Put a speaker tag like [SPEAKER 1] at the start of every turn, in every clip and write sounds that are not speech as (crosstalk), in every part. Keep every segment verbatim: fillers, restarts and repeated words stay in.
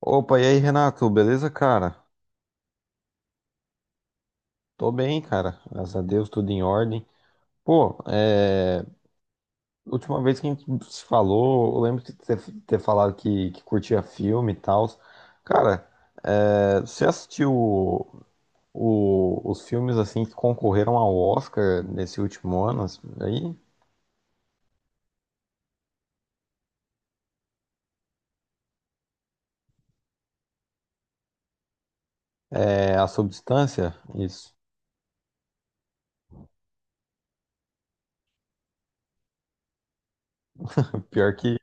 [SPEAKER 1] Opa, e aí, Renato, beleza, cara? Tô bem, cara. Graças a Deus, tudo em ordem. Pô, é... última vez que a gente se falou, eu lembro de ter, ter falado que, que curtia filme e tal. Cara, é... você assistiu o- o- os filmes assim que concorreram ao Oscar nesse último ano? Assim, aí, é... A Substância? Isso. Pior que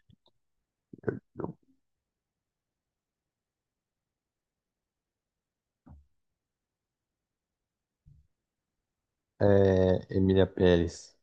[SPEAKER 1] é... Emília Pérez.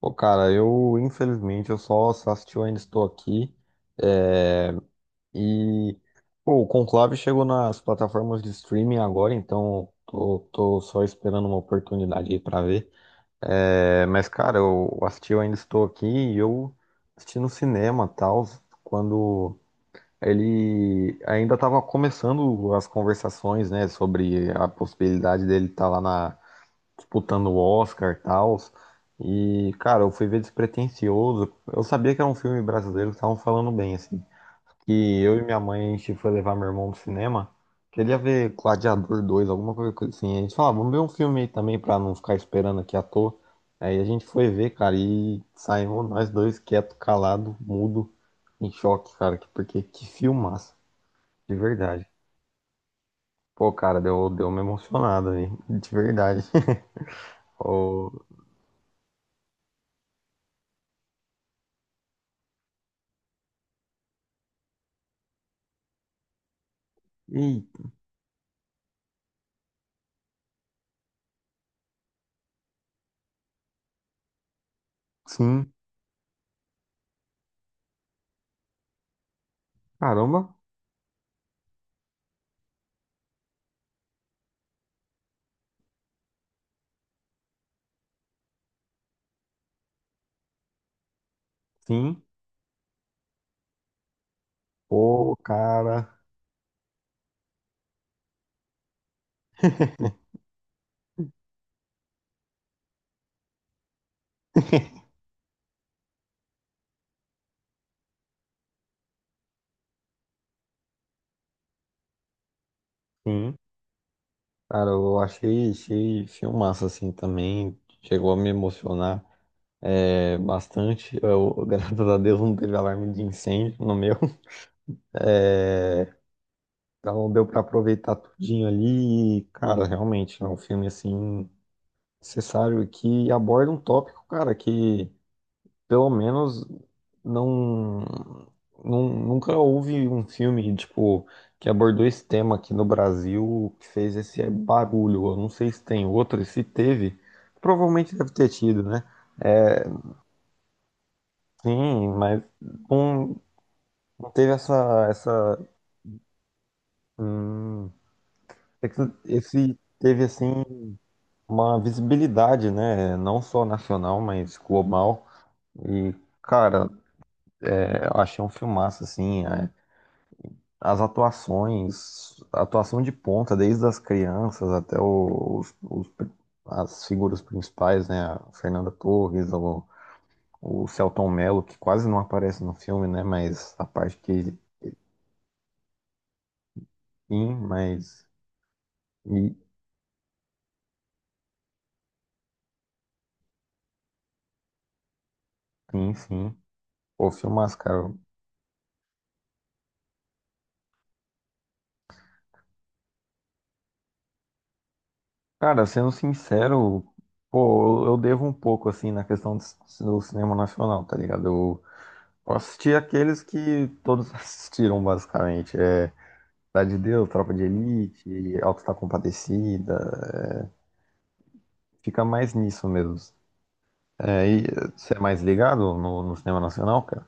[SPEAKER 1] Pô, cara, eu, infelizmente, eu só, só assisti o Ainda Estou Aqui. É. E pô, o Conclave chegou nas plataformas de streaming agora, então tô, tô só esperando uma oportunidade aí pra ver. É, mas, cara, eu assisti, eu ainda estou aqui e eu assisti no cinema, tal, quando ele ainda estava começando as conversações, né, sobre a possibilidade dele estar lá na, disputando o Oscar, tal. E, cara, eu fui ver despretensioso. Eu sabia que era um filme brasileiro, estavam falando bem, assim que eu e minha mãe, a gente foi levar meu irmão pro cinema. Queria ver Gladiador dois alguma coisa assim. A gente falou, ah, vamos ver um filme aí também pra não ficar esperando aqui à toa. Aí a gente foi ver, cara, e saímos nós dois quieto, calado, mudo, em choque, cara, que- porque que filmaço, de verdade. Pô, cara, deu, deu uma emocionada aí, de verdade. (laughs) Ô, e sim, caramba, sim, pô, cara, (laughs) sim. Cara, eu achei, achei filmaço assim também. Chegou a me emocionar é, bastante. Eu, (laughs) graças a Deus não teve alarme de incêndio no meu. (laughs) É, então deu pra aproveitar tudinho ali. E, cara, realmente é um filme assim necessário que aborda um tópico, cara, que pelo menos não, não nunca houve um filme tipo que abordou esse tema aqui no Brasil que fez esse barulho. Eu não sei se tem outro, e se teve, provavelmente deve ter tido, né? Sim, mas não, não teve essa essa hum, esse esse- teve assim uma visibilidade, né? Não só nacional, mas global. E cara, é, eu achei um filmaço assim. é, As atuações, a atuação de ponta, desde as crianças até os, os- as figuras principais, né? A Fernanda Torres, o, o Selton Mello, que quase não aparece no filme, né? Mas a parte que sim, mas. E, enfim, o filmaço, cara. Cara, sendo sincero, pô, eu, eu devo um pouco, assim, na questão do, do cinema nacional, tá ligado? Eu, eu assisti aqueles que todos (laughs) assistiram, basicamente. é Cidade de Deus, Tropa de Elite, Alto está Compadecida. é, Fica mais nisso mesmo. É, e eh, você é mais ligado no, no cinema nacional, cara?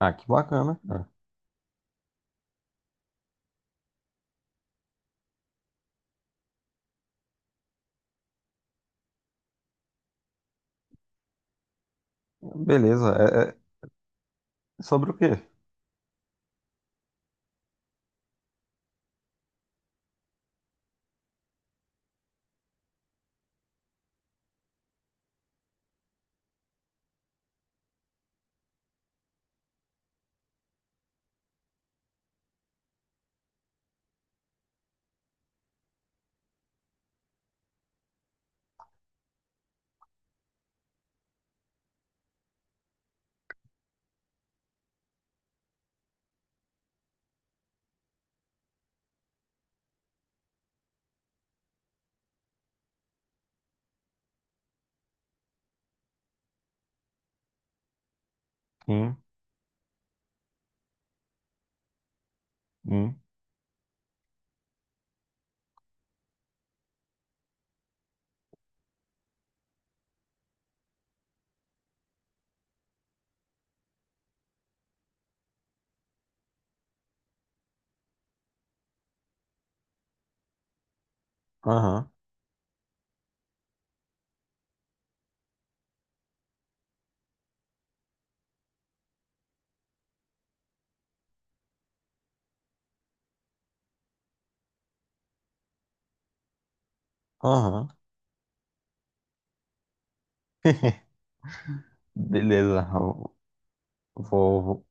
[SPEAKER 1] Ah, que bacana, cara. Beleza. É, é sobre o quê? Sim, sim. Aham, aham. (laughs) Beleza. eu Vou, vou-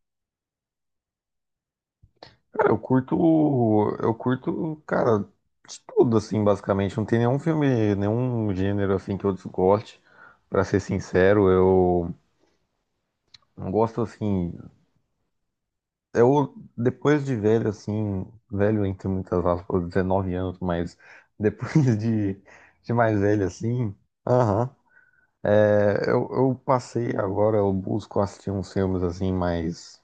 [SPEAKER 1] Cara, eu curto. Eu curto, cara, de tudo, assim, basicamente. Não tem nenhum filme, nenhum gênero, assim, que eu desgoste. Pra ser sincero, eu não gosto, assim. Eu, depois de velho, assim, velho entre muitas aspas, dezenove anos, mas depois (laughs) de, de mais velho, assim, aham, é, eu, eu passei agora, eu busco assistir uns filmes, assim, mais,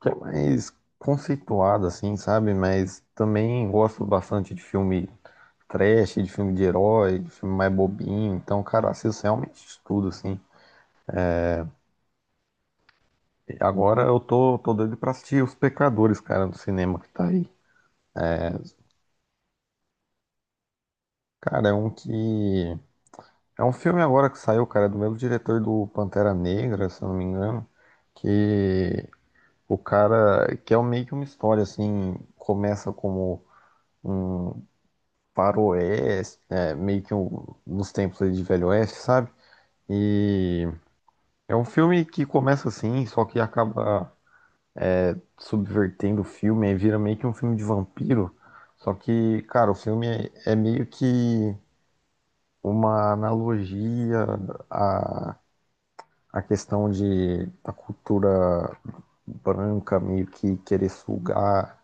[SPEAKER 1] que é mais conceituado, assim, sabe? Mas também gosto bastante de filme trash, de filme de herói, de filme mais bobinho, então, cara, eu assisto realmente de tudo, assim. E agora eu tô, tô doido pra assistir Os Pecadores, cara, no cinema que tá aí. Cara, é um que é um filme agora que saiu, cara, é do mesmo diretor do Pantera Negra, se eu não me engano, que o cara, que é um- meio que uma história, assim, começa como um faroeste, é, meio que um, nos tempos aí de Velho Oeste, sabe? E é um filme que começa assim, só que acaba subvertendo o filme, aí vira meio que um filme de vampiro, só que, cara, o filme é, é meio que uma analogia a a questão de a cultura branca meio que querer sugar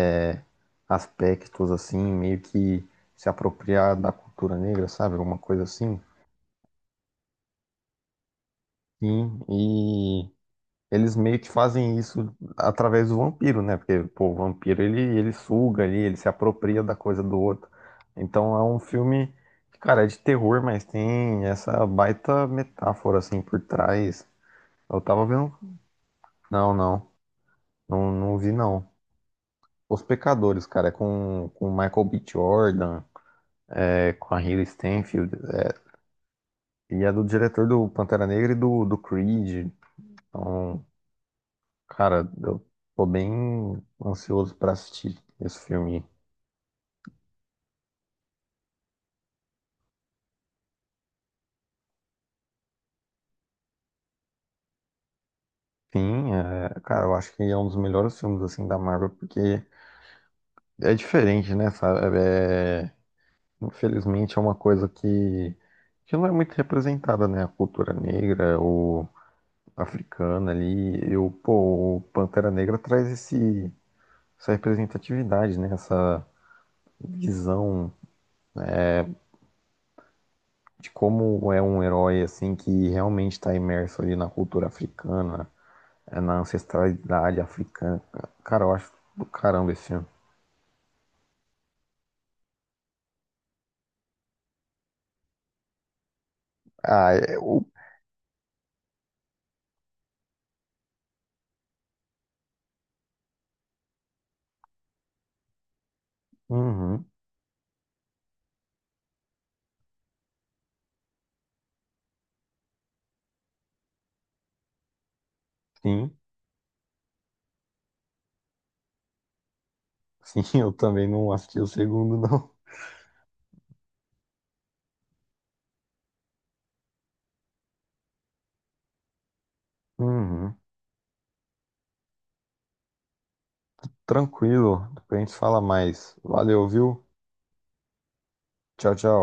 [SPEAKER 1] é, aspectos assim, meio que se apropriar da cultura negra, sabe? Alguma coisa assim. Sim, e eles meio que fazem isso através do vampiro, né? Porque, pô, o vampiro ele, ele suga ali, ele se apropria da coisa do outro. Então é um filme que, cara, é de terror, mas tem essa baita metáfora assim por trás. Eu tava vendo. Não, não, não, não vi não. Os Pecadores, cara, é com, com o Michael bê. Jordan, é, com a Haley Stenfield, é, e é do diretor do Pantera Negra e do, do Creed. Então, cara, eu tô bem ansioso pra assistir esse filme. Sim, é, cara, eu acho que é um dos melhores filmes, assim, da Marvel, porque é diferente, né, sabe? É, infelizmente é uma coisa que, que não é muito representada, né? A cultura negra, o africana ali. Eu, pô, o Pantera Negra traz esse essa representatividade, né? Essa visão de como é um herói assim que realmente está imerso ali na cultura africana, é, na ancestralidade africana. Cara, eu acho do caramba esse filme. Ah, é o. Uhum, sim, sim, (laughs) eu também não assisti o segundo, não. Uhum. Tranquilo, depois a gente fala mais. Valeu, viu? Tchau, tchau.